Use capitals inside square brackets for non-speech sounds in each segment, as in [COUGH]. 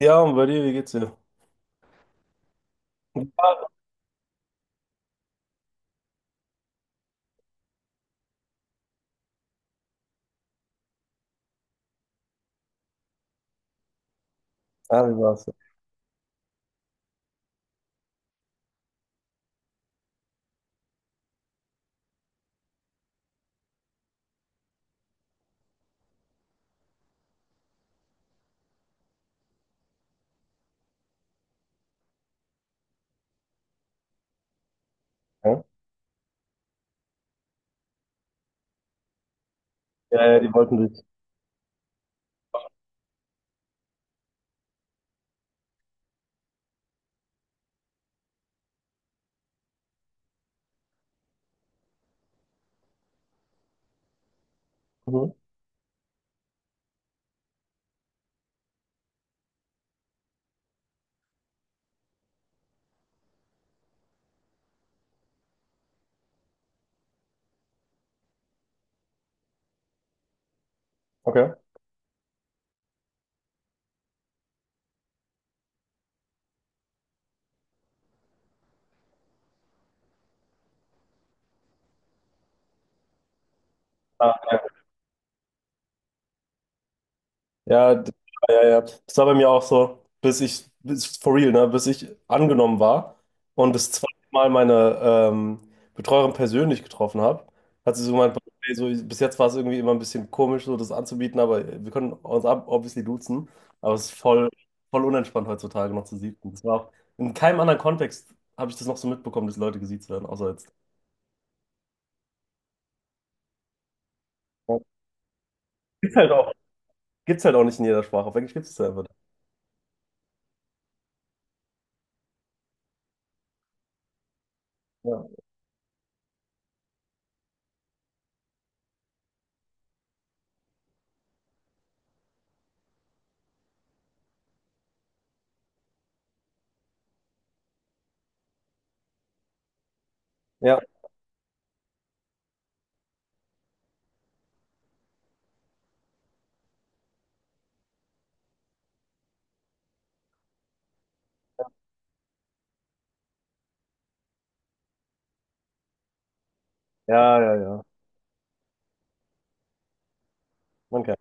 Ja, und bei dir, wie geht's dir? Ja, ah, wie war's? Ja, ja, ja, die wollten dich. Mhm. Okay. Ah. Ja, ja, ja, ja. Das war bei mir auch so, for real, ne, bis ich angenommen war und das zweite Mal meine Betreuerin persönlich getroffen habe. Hat sie so gemeint: "Ey, so, bis jetzt war es irgendwie immer ein bisschen komisch, so das anzubieten, aber wir können uns obviously duzen, aber es ist voll, voll unentspannt heutzutage noch zu siezen. Das war auch, in keinem anderen Kontext habe ich das noch so mitbekommen, dass Leute gesiezt werden, außer jetzt." Ja. Ist halt auch Gibt's halt auch nicht in jeder Sprache, auf Englisch gibt's es einfach. Ja, ja, ja, ja, ja. Man kennt.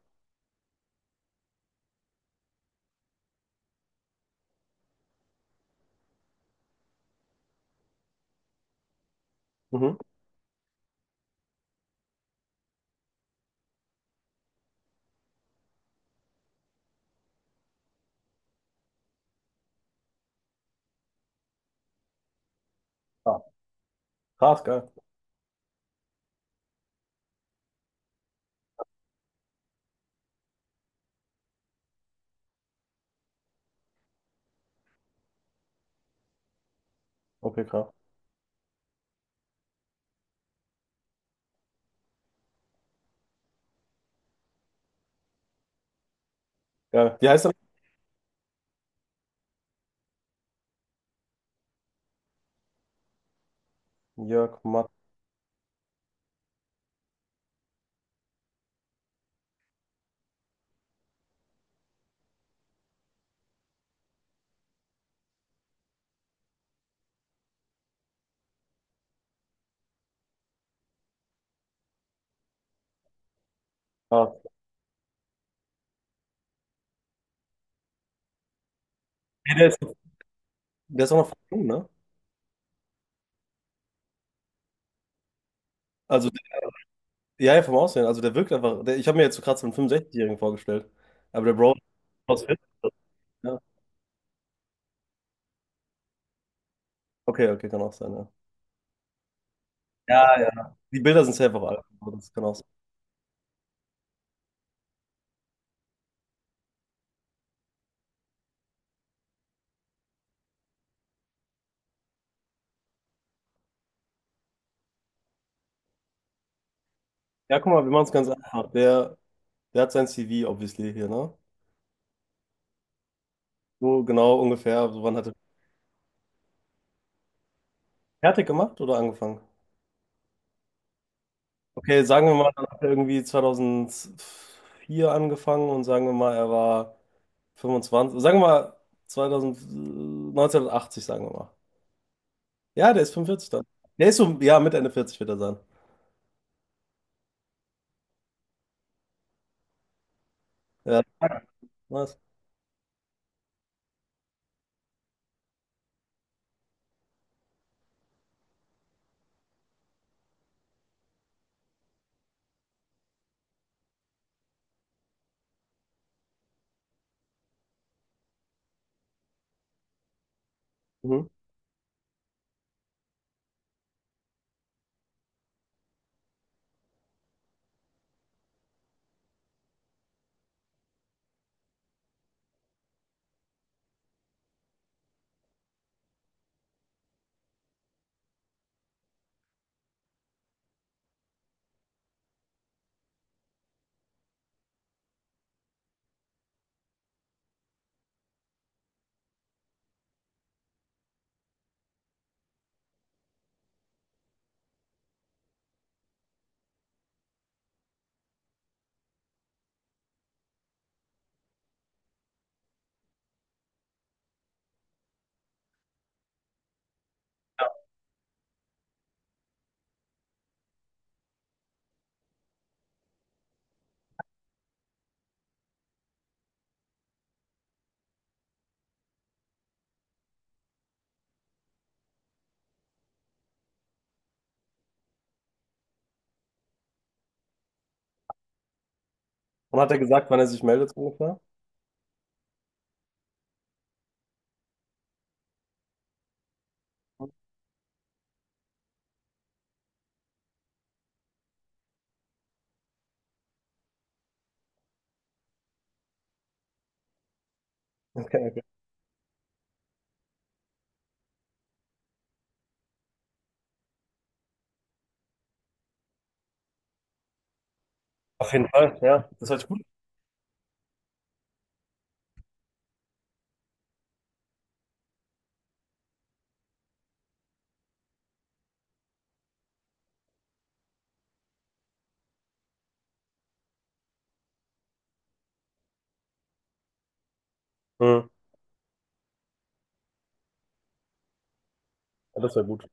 Mhm. Ah, krass, geil. Okay, krass. Geil. Wie heißt er? Jörg Matt. Ah. Ja, der ist auch noch voll jung, ne? Also, ja, ja, vom Aussehen. Also, der wirkt einfach. Ich habe mir jetzt so gerade so einen 65-Jährigen vorgestellt. Aber der Bro ist... aus 40, ja. Okay, okay, kann auch sein, ja. Ja, ja. Die Bilder sind safe auch alt, aber das kann auch sein. Ja, guck mal, wir machen es ganz einfach. Der hat sein CV, obviously, hier, ne? So genau ungefähr. So, wann hat er fertig gemacht oder angefangen? Okay, sagen wir mal, dann hat er irgendwie 2004 angefangen und sagen wir mal, er war 25, sagen wir mal 2000, 1980, sagen wir mal. Ja, der ist 45 dann. Der ist so, ja, mit Ende 40 wird er sein. Ja, nice. Mhm. Und hat er gesagt, wann er sich meldet, so ungefähr? [LAUGHS] Okay, okay. Auf jeden Fall, ja. Das hört sich gut an. Mhm. Ja, das wäre gut.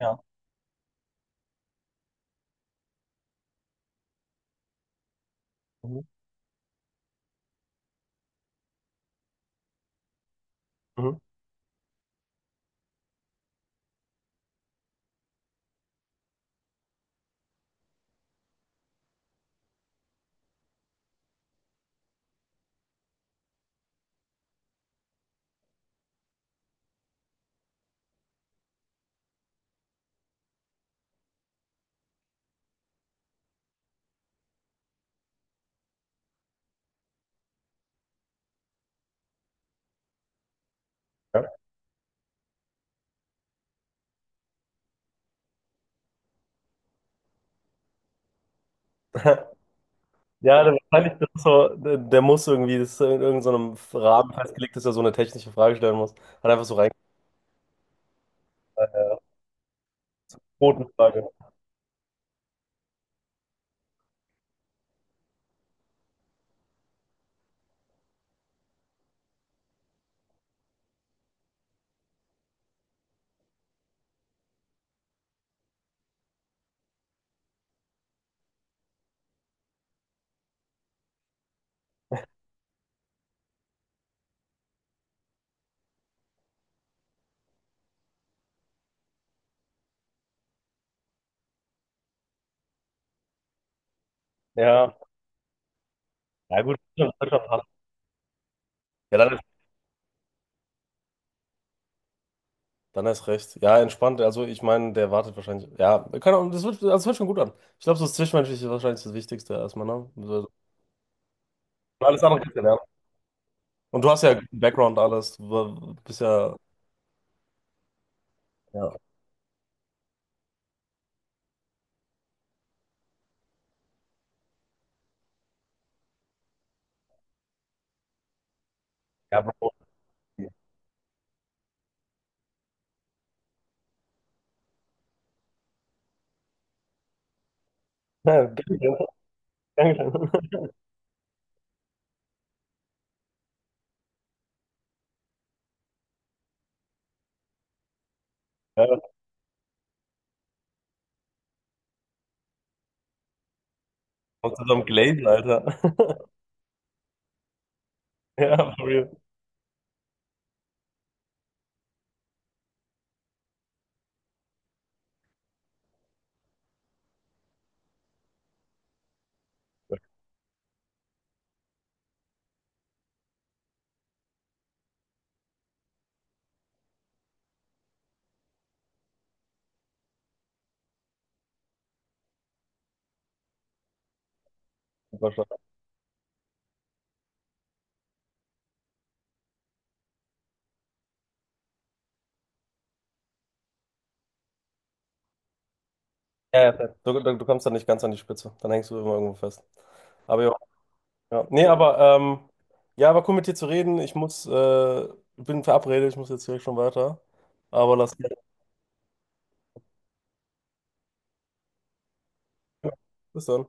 Ja. Mhm. Mhm. Ja, [LAUGHS] ja, wahrscheinlich, das ist so, der muss irgendwie, das ist in irgendeinem Rahmen festgelegt, dass er so eine technische Frage stellen muss. Hat einfach so rein. Quotenfrage. Ja, ja gut, wird schon passen. Ja, dann ist recht. Ja, entspannt. Also ich meine, der wartet wahrscheinlich. Ja, kann Ahnung, das hört schon gut an. Ich glaube, so das Zwischenmenschliche ist wahrscheinlich das Wichtigste erstmal, ne? So, alles andere kannst du lernen. Und du hast ja guten Background, alles. Du bist ja. Ja, ja Bro. Ja, Dankeschön. Dankeschön. Ja, kommst du zum Glazen, Alter. [LAUGHS] Ja, for real. Super stark. Ja, ja, fett. Du kommst dann nicht ganz an die Spitze. Dann hängst du immer irgendwo fest. Aber ja. Nee, aber ja, war cool mit dir zu reden. Ich muss, bin verabredet, ich muss jetzt direkt schon weiter. Aber lass gerne. Bis dann.